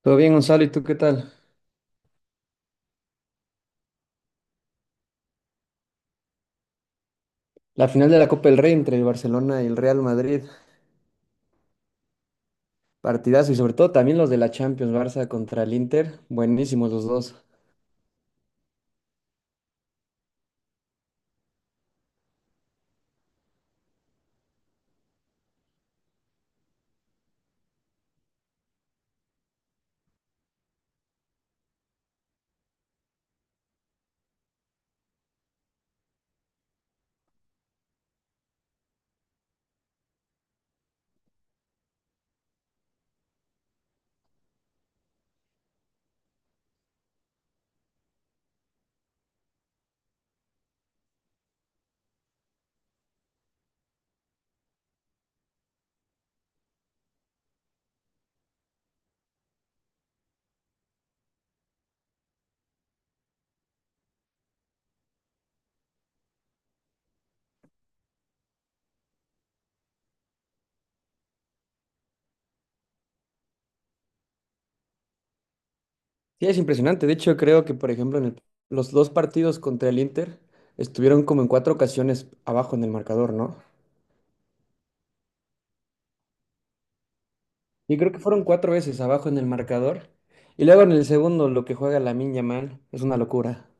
Todo bien, Gonzalo, ¿y tú qué tal? La final de la Copa del Rey entre el Barcelona y el Real Madrid, partidazo, y sobre todo también los de la Champions, Barça contra el Inter, buenísimos los dos. Sí, es impresionante. De hecho creo que por ejemplo en los dos partidos contra el Inter estuvieron como en cuatro ocasiones abajo en el marcador, ¿no? Y creo que fueron cuatro veces abajo en el marcador. Y luego en el segundo lo que juega Lamine Yamal es una locura.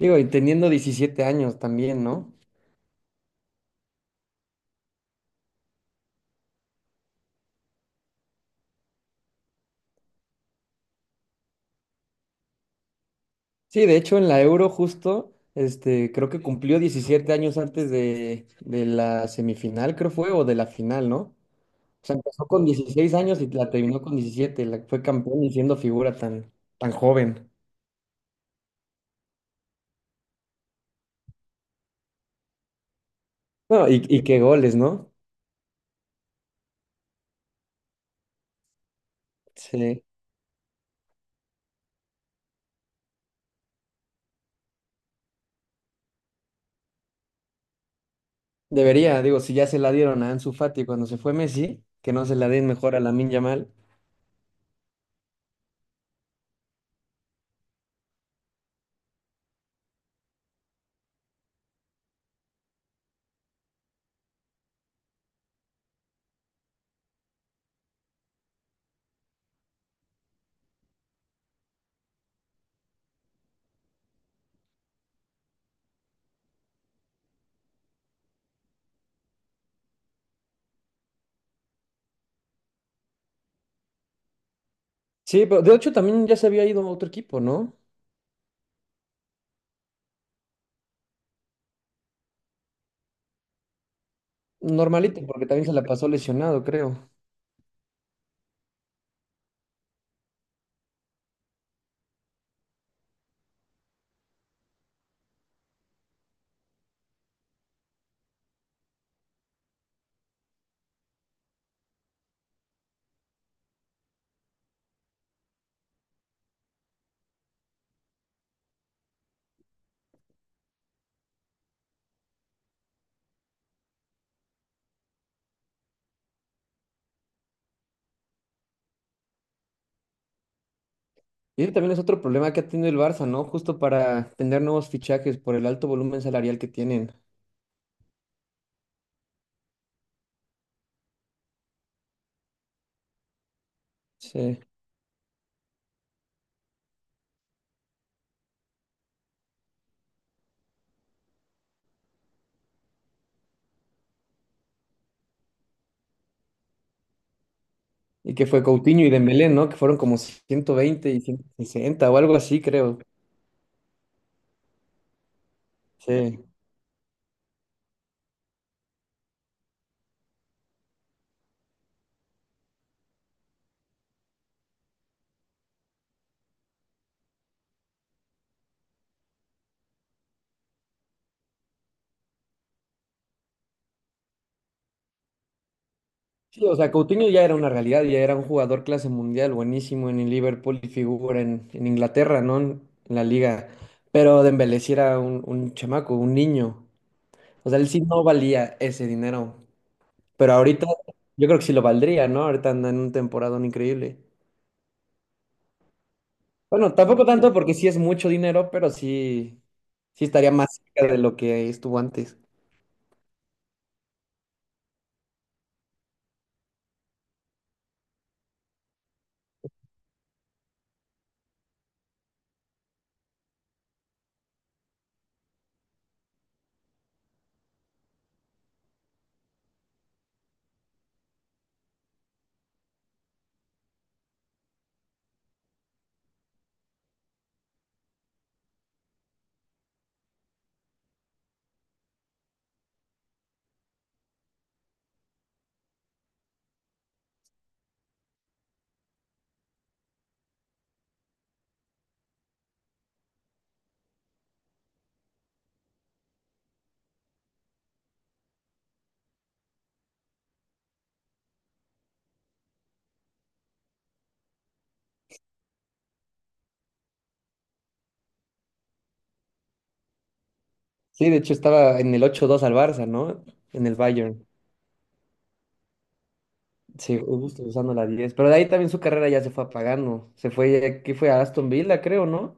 Digo, y teniendo 17 años también, ¿no? Sí, de hecho en la Euro justo, este, creo que cumplió 17 años antes de la semifinal, creo fue, o de la final, ¿no? O sea, empezó con 16 años y la terminó con 17. La, fue campeón y siendo figura tan, tan joven. No, y qué goles, ¿no? Sí. Debería. Digo, si ya se la dieron a Ansu Fati cuando se fue Messi, que no se la den mejor a Lamine Yamal. Sí, pero de hecho también ya se había ido a otro equipo, ¿no? Normalito, porque también se la pasó lesionado, creo. Y ese también es otro problema que ha tenido el Barça, ¿no? Justo para tener nuevos fichajes por el alto volumen salarial que tienen. Sí. Y que fue Coutinho y Dembélé, ¿no? Que fueron como 120 y 160 o algo así, creo. Sí. Sí, o sea, Coutinho ya era una realidad, ya era un jugador clase mundial, buenísimo en el Liverpool y figura en Inglaterra, ¿no? En la liga. Pero Dembélé sí era un chamaco, un niño. O sea, él sí no valía ese dinero. Pero ahorita yo creo que sí lo valdría, ¿no? Ahorita anda en un temporadón increíble. Bueno, tampoco tanto porque sí es mucho dinero, pero sí, sí estaría más cerca de lo que estuvo antes. Sí, de hecho estaba en el ocho dos al Barça, ¿no? En el Bayern. Sí, justo usando la 10. Pero de ahí también su carrera ya se fue apagando. Se fue, ¿qué fue? A Aston Villa, creo, ¿no?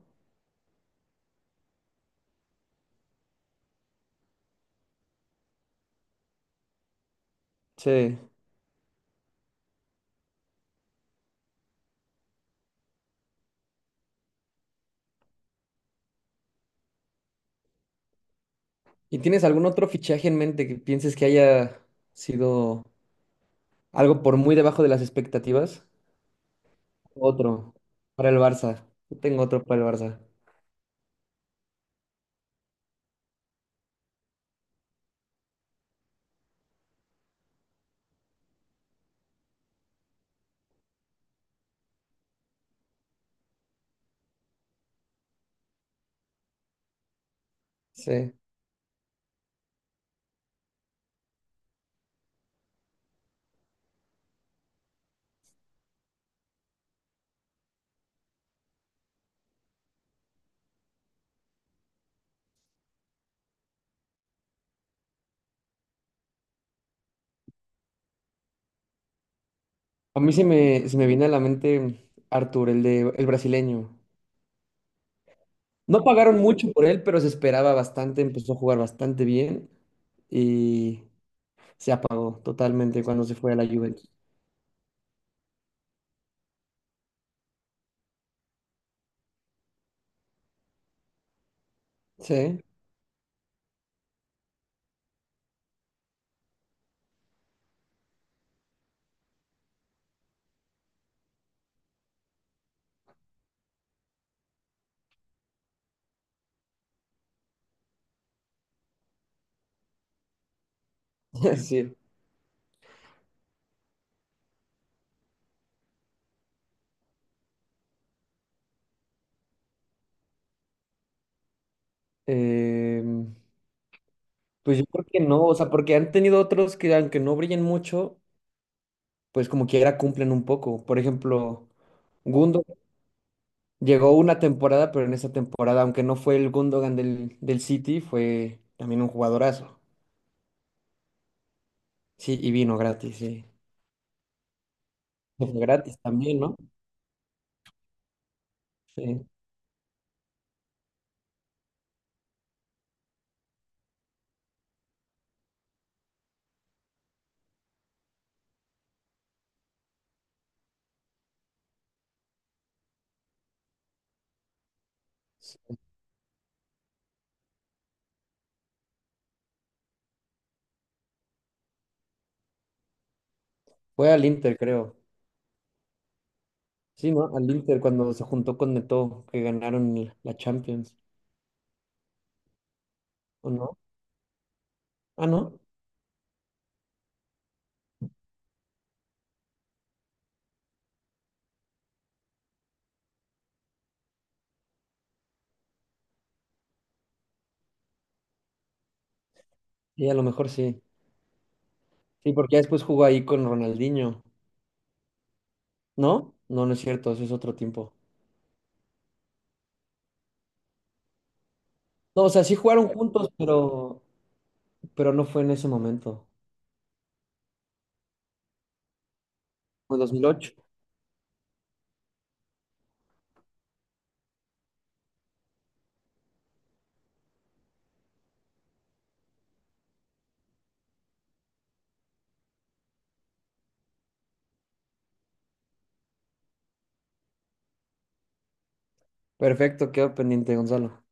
Sí. ¿Y tienes algún otro fichaje en mente que pienses que haya sido algo por muy debajo de las expectativas? Otro para el Barça. Yo tengo otro para el Barça. Sí. A mí se me viene a la mente Arthur, el de el brasileño. No pagaron mucho por él, pero se esperaba bastante, empezó a jugar bastante bien y se apagó totalmente cuando se fue a la Juventus. Sí, sí. Em, pues yo creo que no, o sea, porque han tenido otros que aunque no brillen mucho, pues como quiera cumplen un poco. Por ejemplo, Gundogan llegó una temporada, pero en esa temporada, aunque no fue el Gundogan del City, fue también un jugadorazo. Sí, y vino gratis, sí. Gratis también, ¿no? Sí. Fue al Inter, creo. Sí, ¿no? Al Inter cuando se juntó con Neto, que ganaron la Champions, ¿o no? Ah, ¿no? Sí, a lo mejor sí. Sí, porque ya después jugó ahí con Ronaldinho, ¿no? No, no es cierto, eso es otro tiempo. No, o sea, sí jugaron juntos, pero no fue en ese momento. Fue 2008. Perfecto, quedó pendiente, Gonzalo.